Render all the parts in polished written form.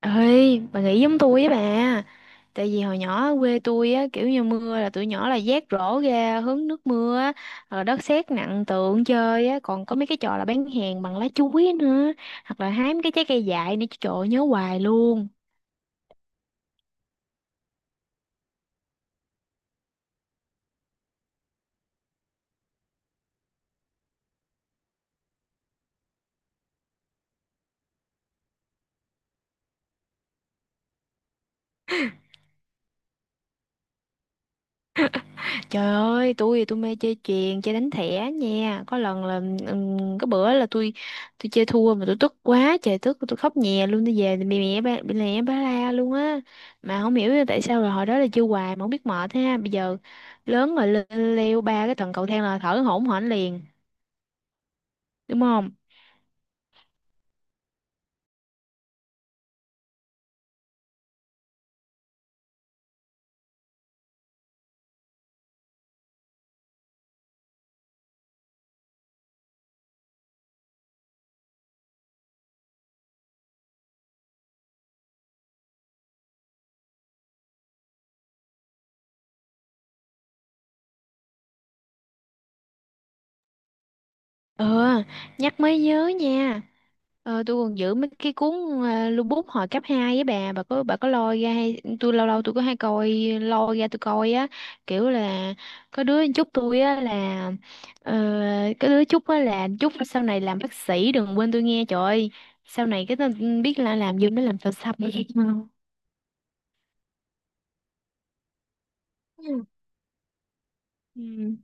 Ơi, bà nghĩ giống tôi với bà. Tại vì hồi nhỏ ở quê tôi á, kiểu như mưa là tụi nhỏ là vác rổ ra hứng nước mưa á, rồi đất sét nặng tượng chơi á, còn có mấy cái trò là bán hàng bằng lá chuối nữa, hoặc là hái mấy cái trái cây dại nữa, trời ơi, nhớ hoài luôn. Trời ơi, tôi thì tôi mê chơi chuyền, chơi đánh thẻ nha. Có lần là có bữa là tôi chơi thua mà tôi tức quá, trời tức tôi khóc nhè luôn, tôi về thì bị mẹ ba la luôn á. Mà không hiểu tại sao là hồi đó là chơi hoài mà không biết mệt ha. Bây giờ lớn rồi leo ba cái tầng cầu thang là thở hổn hển liền, đúng không? Ờ, nhắc mới nhớ nha. Ờ, tôi còn giữ mấy cái cuốn lưu bút hồi cấp 2 với bà, bà có lôi ra hay tôi lâu lâu tôi có hay coi lôi ra tôi coi á, kiểu là có đứa chúc tôi á là ờ, có đứa chúc á là chúc sau này làm bác sĩ đừng quên tôi nghe trời ơi. Sau này cái tên biết là làm gì nó làm sao xăm. Ừ.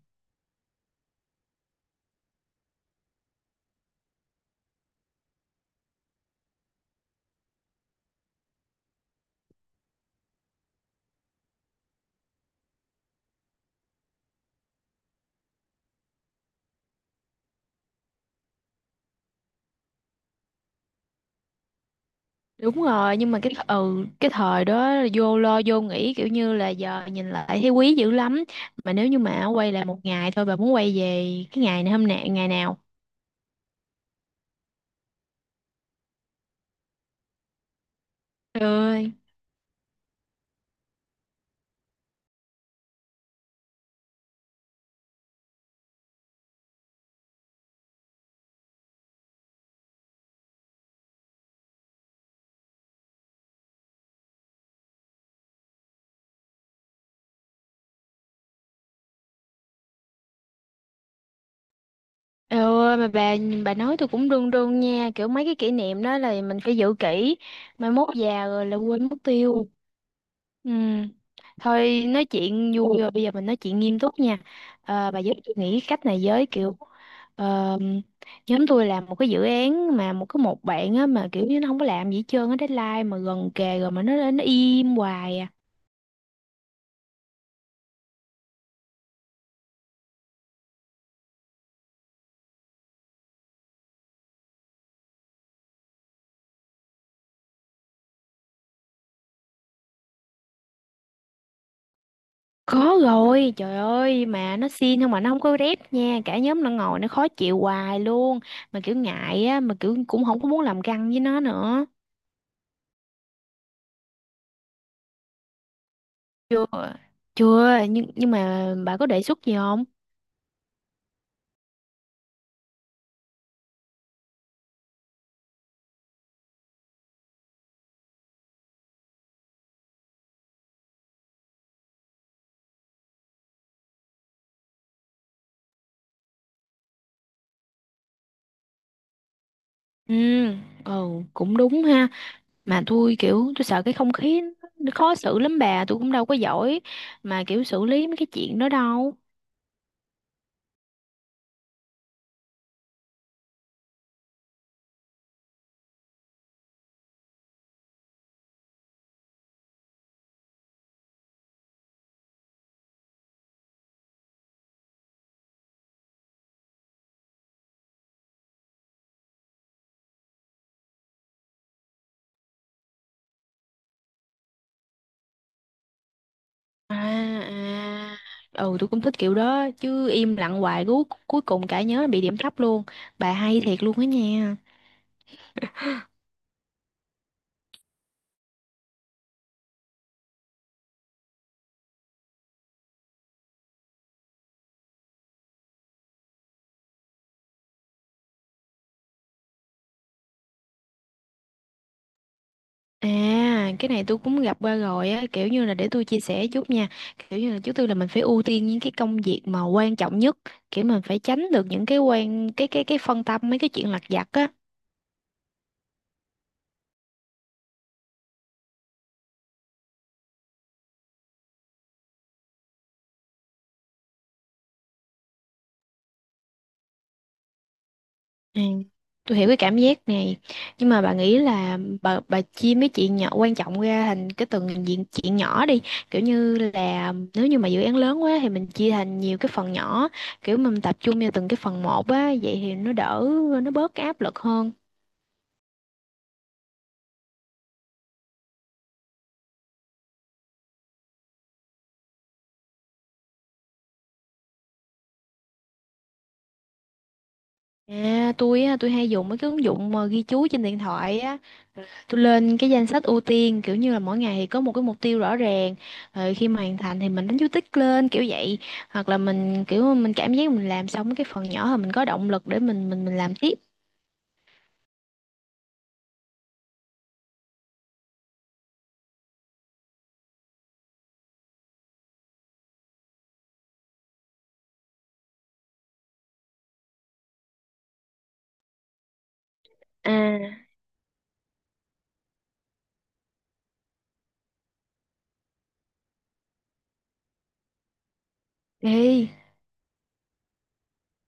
Đúng rồi, nhưng mà cái ừ cái thời đó vô lo vô nghĩ kiểu như là giờ nhìn lại thấy quý dữ lắm. Mà nếu như mà quay lại một ngày thôi bà muốn quay về cái ngày này hôm nay ngày nào? Ừ, trời ơi mà bà nói tôi cũng run run nha kiểu mấy cái kỷ niệm đó là mình phải giữ kỹ mai mốt già rồi là quên mất tiêu ừ. Thôi nói chuyện vui rồi bây giờ mình nói chuyện nghiêm túc nha. Ờ, bà giúp tôi nghĩ cách này với kiểu ờ, nhóm tôi làm một cái dự án mà một cái một bạn á mà kiểu như nó không có làm gì hết trơn á, deadline mà gần kề rồi mà nó im hoài à. Có rồi, trời ơi, mà nó xin nhưng mà nó không có rep nha, cả nhóm nó ngồi nó khó chịu hoài luôn, mà kiểu ngại á, mà kiểu cũng không có muốn làm găng với nó nữa. Chưa, chưa, nhưng mà bà có đề xuất gì không? Ừ, ừ, cũng đúng ha, mà tôi kiểu tôi sợ cái không khí nó khó xử lắm bà, tôi cũng đâu có giỏi mà kiểu xử lý mấy cái chuyện đó đâu. À, à. Ừ, tôi cũng thích kiểu đó chứ im lặng hoài cuối cuối cùng cả nhóm bị điểm thấp luôn. Bà hay thiệt luôn á nha. À, cái này tôi cũng gặp qua rồi á, kiểu như là để tôi chia sẻ chút nha. Kiểu như là trước tiên là mình phải ưu tiên những cái công việc mà quan trọng nhất, kiểu mình phải tránh được những cái phân tâm mấy cái chuyện lặt vặt á. Ừ. Tôi hiểu cái cảm giác này. Nhưng mà bà nghĩ là bà chia mấy chuyện nhỏ quan trọng ra thành cái từng diện chuyện nhỏ đi. Kiểu như là nếu như mà dự án lớn quá thì mình chia thành nhiều cái phần nhỏ, kiểu mình tập trung vào từng cái phần một á, vậy thì nó bớt cái áp lực hơn. À, tôi á, tôi hay dùng mấy cái ứng dụng mà ghi chú trên điện thoại á, tôi lên cái danh sách ưu tiên kiểu như là mỗi ngày thì có một cái mục tiêu rõ ràng, rồi khi mà hoàn thành thì mình đánh dấu tích lên kiểu vậy, hoặc là mình kiểu mình cảm giác mình làm xong cái phần nhỏ thì mình có động lực để mình làm tiếp. À, ê,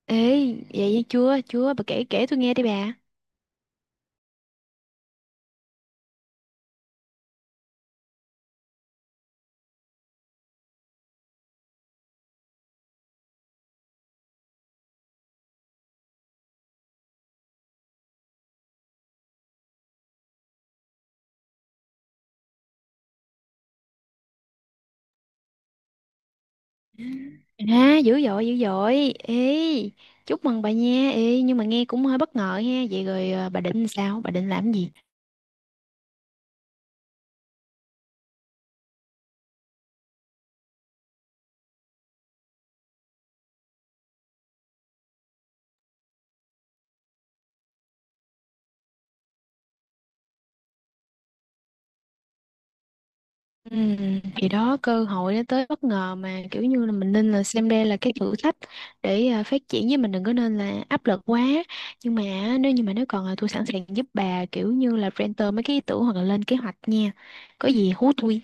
ê, vậy chưa, chưa, bà kể kể tôi nghe đi bà. À, dữ dội, ê, chúc mừng bà nha, ê, nhưng mà nghe cũng hơi bất ngờ ha, vậy rồi à, bà định sao, bà định làm gì? Ừ, thì đó cơ hội nó tới bất ngờ mà kiểu như là mình nên là xem đây là cái thử thách để à, phát triển với mình đừng có nên là áp lực quá, nhưng mà á, nếu như mà nếu còn là tôi sẵn sàng giúp bà kiểu như là renter mấy cái ý tưởng hoặc là lên kế hoạch nha, có gì hú tôi.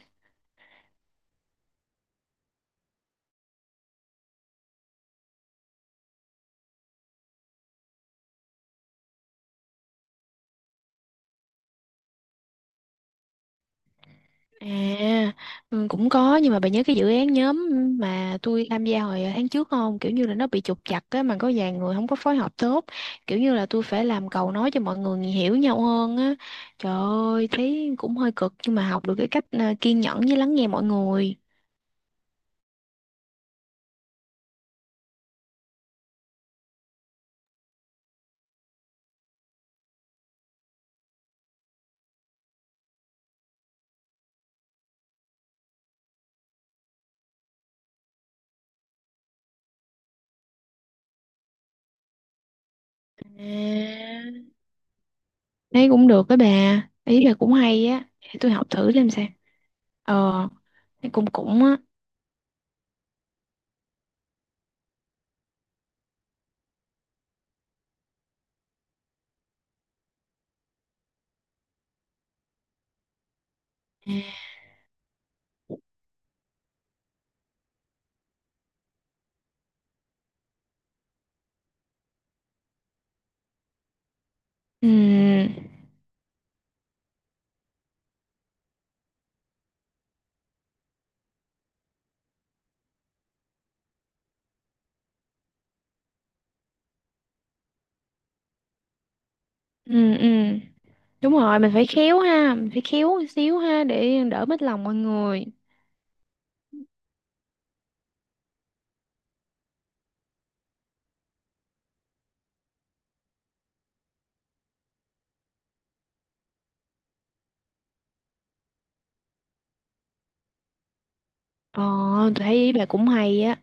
À, ừ, cũng có nhưng mà bà nhớ cái dự án nhóm mà tôi tham gia hồi tháng trước không? Kiểu như là nó bị trục trặc á mà có vài người không có phối hợp tốt. Kiểu như là tôi phải làm cầu nói cho mọi người hiểu nhau hơn á. Trời ơi, thấy cũng hơi cực nhưng mà học được cái cách à, kiên nhẫn với lắng nghe mọi người. À, thấy cũng được đó bà. Ý là cũng hay á. Để tôi học thử xem sao. Ờ, thấy cũng cũng á. Ừ, ừ, ừ. Đúng rồi, mình phải khéo ha, mình phải khéo xíu ha để đỡ mất lòng mọi người. Ờ, tôi thấy ý bà cũng hay á,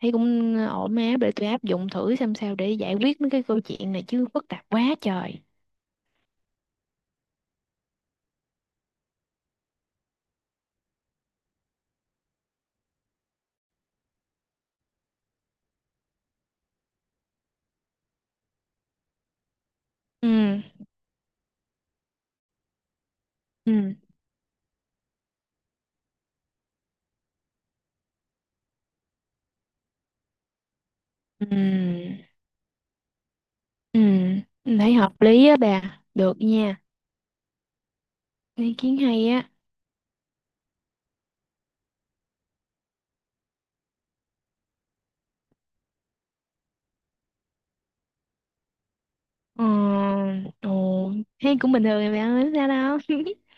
thấy cũng ổn áp để tôi áp dụng thử xem sao để giải quyết mấy cái câu chuyện này chứ phức tạp quá trời. Ừ, ừ, ừ, ừ, mình thấy hợp lý á bà, được nha, ý kiến hay á. Ờ, ồ, thấy cũng bình thường mà bà, không sao đâu.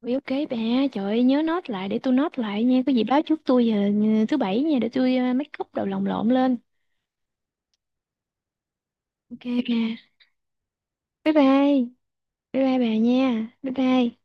Ui, ok bà, trời ơi, nhớ note lại để tôi note lại nha, có gì báo trước tôi giờ thứ bảy nha để tôi make up đầu lòng lộn lên. Ok bà. Bye bye. Bye bye bà nha. Bye bye.